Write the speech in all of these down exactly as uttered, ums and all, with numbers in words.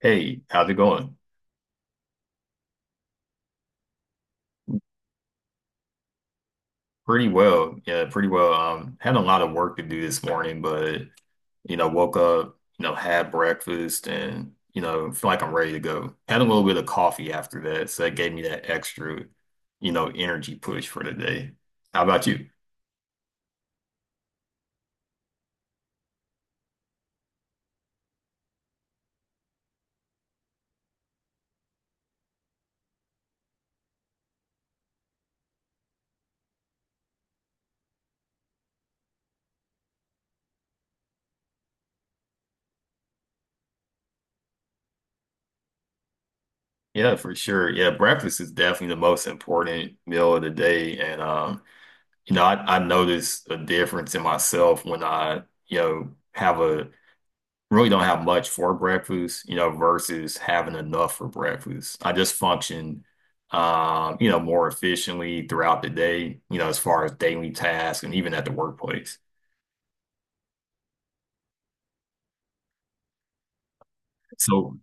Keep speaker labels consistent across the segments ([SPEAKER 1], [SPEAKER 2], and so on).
[SPEAKER 1] Hey, how's it going? Pretty well. Yeah, pretty well. Um, had a lot of work to do this morning, but you know, woke up, you know, had breakfast and you know, feel like I'm ready to go. Had a little bit of coffee after that, so that gave me that extra, you know, energy push for the day. How about you? Yeah, for sure. Yeah, breakfast is definitely the most important meal of the day. And um, you know, I, I notice a difference in myself when I, you know, have a really don't have much for breakfast, you know, versus having enough for breakfast. I just function, um, you know, more efficiently throughout the day, you know, as far as daily tasks and even at the workplace. So,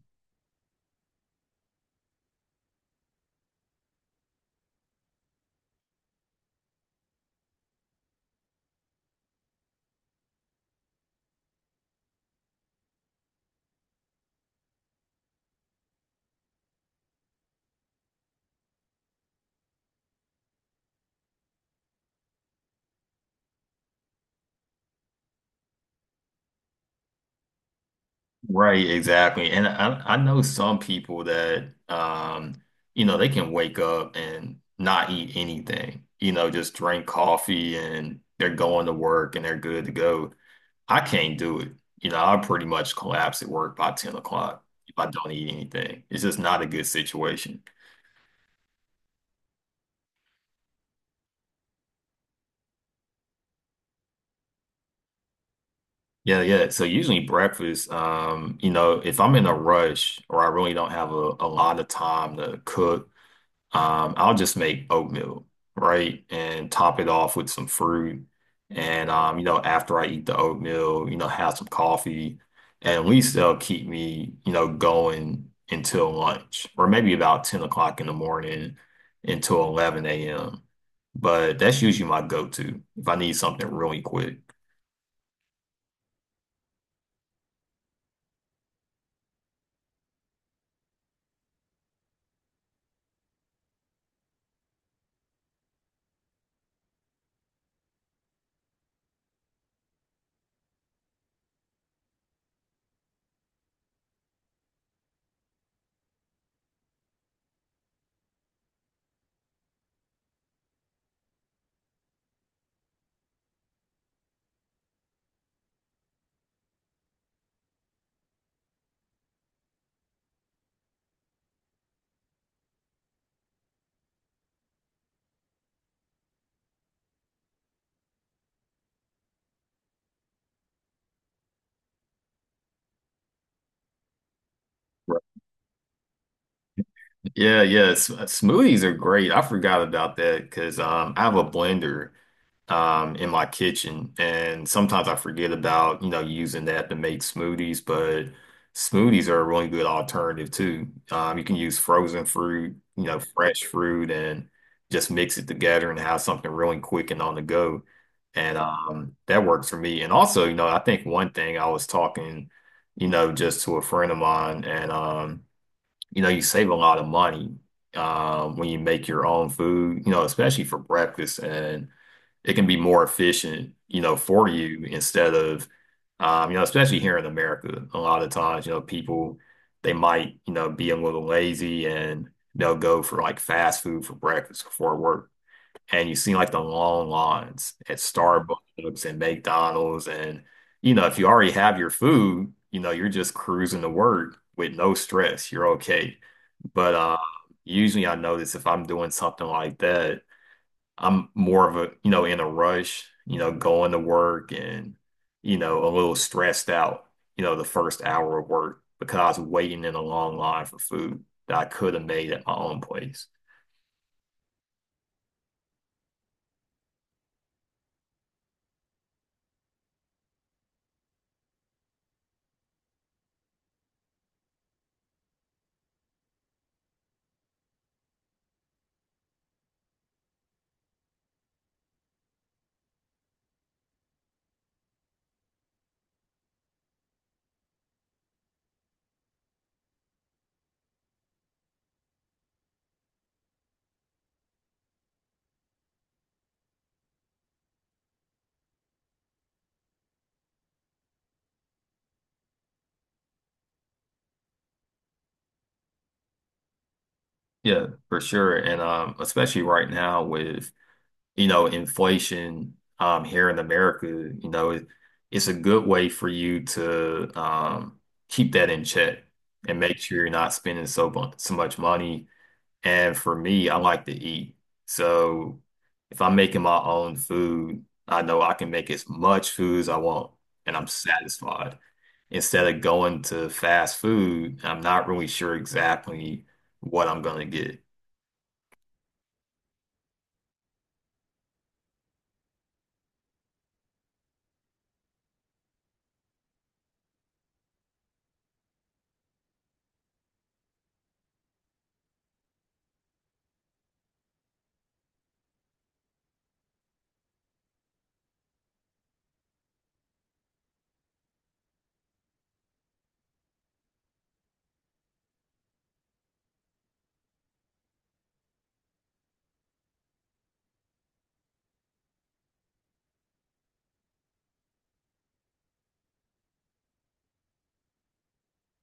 [SPEAKER 1] right, exactly. And I, I know some people that, um, you know, they can wake up and not eat anything, you know, just drink coffee and they're going to work and they're good to go. I can't do it. You know, I pretty much collapse at work by ten o'clock if I don't eat anything. It's just not a good situation. Yeah, yeah. So usually breakfast, um, you know, if I'm in a rush or I really don't have a, a lot of time to cook. Um, I'll just make oatmeal, right? And top it off with some fruit. And um, you know, after I eat the oatmeal, you know, have some coffee. And at least they'll keep me, you know, going until lunch, or maybe about ten o'clock in the morning until eleven a m. But that's usually my go-to if I need something really quick. Right. Yeah, yeah. s- Smoothies are great. I forgot about that because um, I have a blender um, in my kitchen. And sometimes I forget about, you know, using that to make smoothies, but smoothies are a really good alternative too. Um, you can use frozen fruit, you know, fresh fruit and just mix it together and have something really quick and on the go. And um, that works for me. And also, you know, I think one thing I was talking, you know, just to a friend of mine, and um, you know, you save a lot of money um, when you make your own food, you know, especially for breakfast. And it can be more efficient, you know, for you instead of, um, you know, especially here in America, a lot of times, you know, people they might, you know, be a little lazy and they'll go for like fast food for breakfast before work. And you see like the long lines at Starbucks and McDonald's and you know, if you already have your food, you know, you're just cruising to work with no stress. You're okay. But uh usually I notice if I'm doing something like that I'm more of a, you know, in a rush, you know, going to work and, you know, a little stressed out, you know, the first hour of work because I was waiting in a long line for food that I could have made at my own place. Yeah, for sure. And um, especially right now with you know, inflation um, here in America, you know, it, it's a good way for you to um, keep that in check and make sure you're not spending so bu- so much money. And for me, I like to eat. So if I'm making my own food, I know I can make as much food as I want and I'm satisfied. Instead of going to fast food, I'm not really sure exactly what I'm going to get.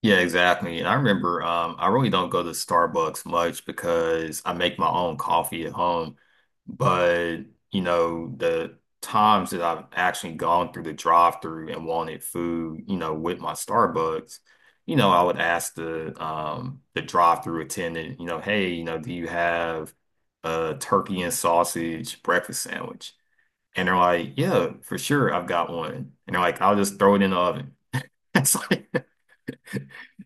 [SPEAKER 1] Yeah, exactly. And I remember um, I really don't go to Starbucks much because I make my own coffee at home. But, you know, the times that I've actually gone through the drive-through and wanted food, you know, with my Starbucks, you know, I would ask the um, the drive-through attendant, you know, hey, you know, do you have a turkey and sausage breakfast sandwich? And they're like, yeah, for sure, I've got one. And they're like, I'll just throw it in the oven. It's like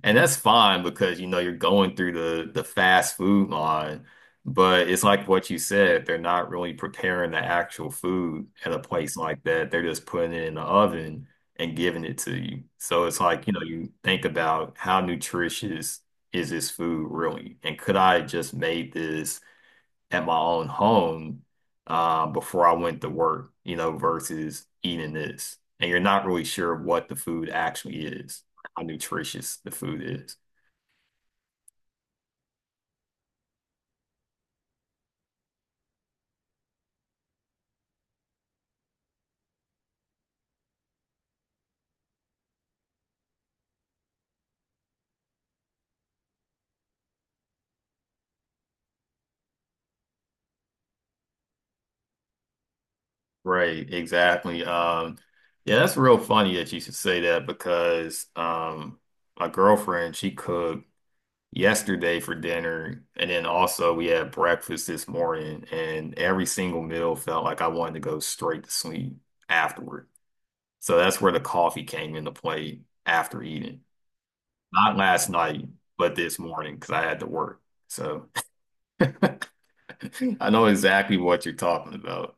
[SPEAKER 1] and that's fine because you know you're going through the the fast food line, but it's like what you said, they're not really preparing the actual food at a place like that. They're just putting it in the oven and giving it to you. So it's like, you know, you think about how nutritious is this food really? And could I have just made this at my own home uh, before I went to work, you know, versus eating this. And you're not really sure what the food actually is, how nutritious the food is. Right, exactly. Um, yeah, that's real funny that you should say that because um, my girlfriend, she cooked yesterday for dinner, and then also we had breakfast this morning, and every single meal felt like I wanted to go straight to sleep afterward. So that's where the coffee came into play after eating. Not last night, but this morning because I had to work. So I know exactly what you're talking about.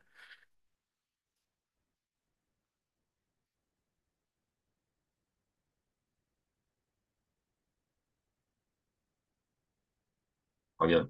[SPEAKER 1] Oh yeah.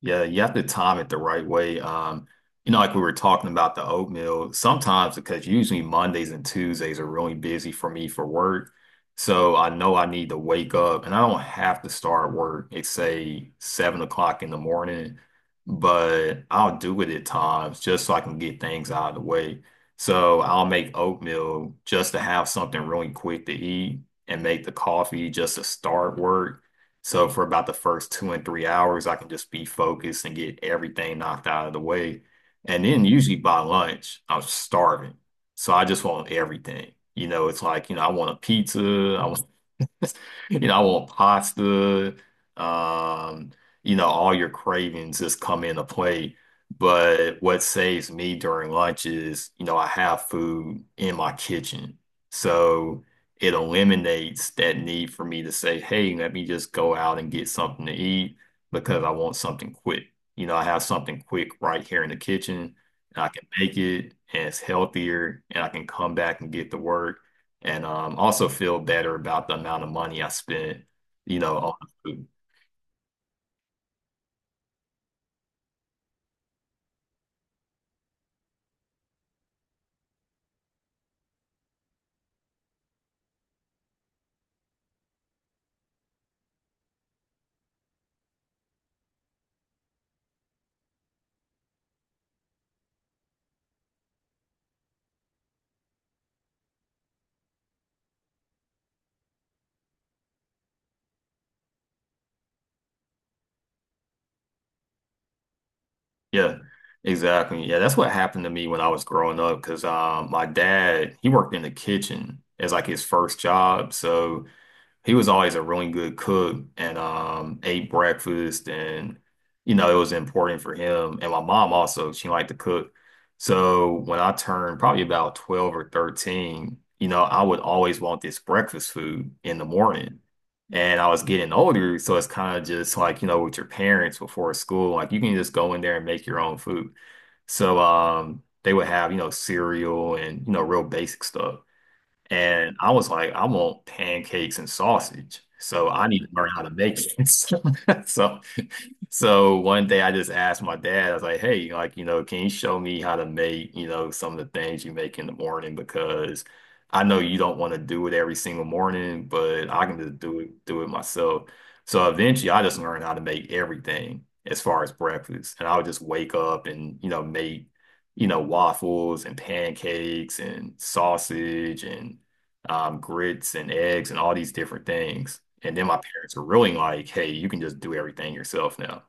[SPEAKER 1] Yeah, you have to time it the right way. Um, you know, like we were talking about the oatmeal, sometimes because usually Mondays and Tuesdays are really busy for me for work. So I know I need to wake up and I don't have to start work at say seven o'clock in the morning, but I'll do it at times just so I can get things out of the way. So I'll make oatmeal just to have something really quick to eat and make the coffee just to start work. So for about the first two and three hours, I can just be focused and get everything knocked out of the way. And then usually by lunch, I'm starving. So I just want everything. You know, it's like, you know, I want a pizza. I want You know, I want pasta. Um, you know, all your cravings just come into play. But what saves me during lunch is, you know, I have food in my kitchen. So it eliminates that need for me to say, hey, let me just go out and get something to eat because I want something quick. You know, I have something quick right here in the kitchen. And I can make it and it's healthier and I can come back and get to work and um, also feel better about the amount of money I spent, you know, on food. Yeah, exactly. Yeah, that's what happened to me when I was growing up because um, my dad, he worked in the kitchen as like his first job. So he was always a really good cook and um ate breakfast and you know it was important for him. And my mom also, she liked to cook. So when I turned probably about twelve or thirteen, you know, I would always want this breakfast food in the morning. And I was getting older, so it's kind of just like, you know, with your parents before school, like you can just go in there and make your own food. So um they would have, you know, cereal and, you know, real basic stuff. And I was like, I want pancakes and sausage. So I need to learn how to make it. So, so one day I just asked my dad, I was like, hey, like, you know, can you show me how to make, you know, some of the things you make in the morning? Because I know you don't want to do it every single morning, but I can just do it, do it myself. So eventually I just learned how to make everything as far as breakfast. And I would just wake up and, you know, make, you know, waffles and pancakes and sausage and um, grits and eggs and all these different things. And then my parents were really like, hey, you can just do everything yourself now.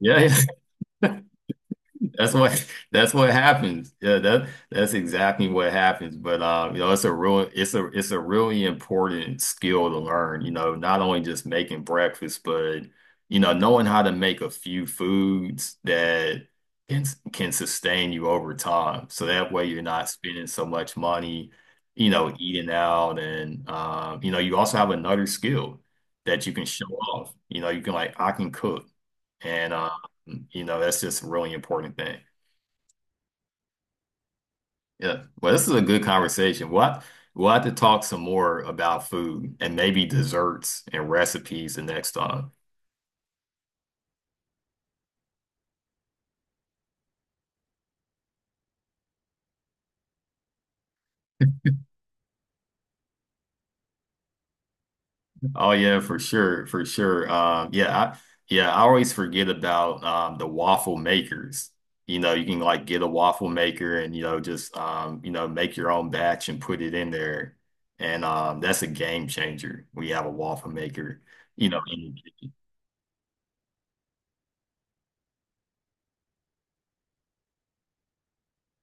[SPEAKER 1] Yeah. That's what that's what happens. Yeah, that that's exactly what happens. But uh, you know, it's a real it's a it's a really important skill to learn, you know, not only just making breakfast, but you know, knowing how to make a few foods that can can sustain you over time. So that way you're not spending so much money, you know, eating out and um, you know, you also have another skill that you can show off. You know, you can like I can cook. And uh, you know, that's just a really important thing. Yeah. Well, this is a good conversation. We'll have, we'll have to talk some more about food and maybe desserts and recipes the next time. Oh yeah, for sure, for sure. Um, yeah, I, yeah, I always forget about um, the waffle makers. You know, you can like get a waffle maker and you know just um, you know make your own batch and put it in there, and um, that's a game changer. We have a waffle maker, you know, in the kitchen.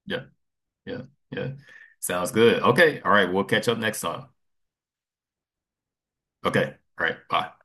[SPEAKER 1] Yeah. Yeah. Yeah. Sounds good. Okay. All right. We'll catch up next time. Okay. All right. Bye.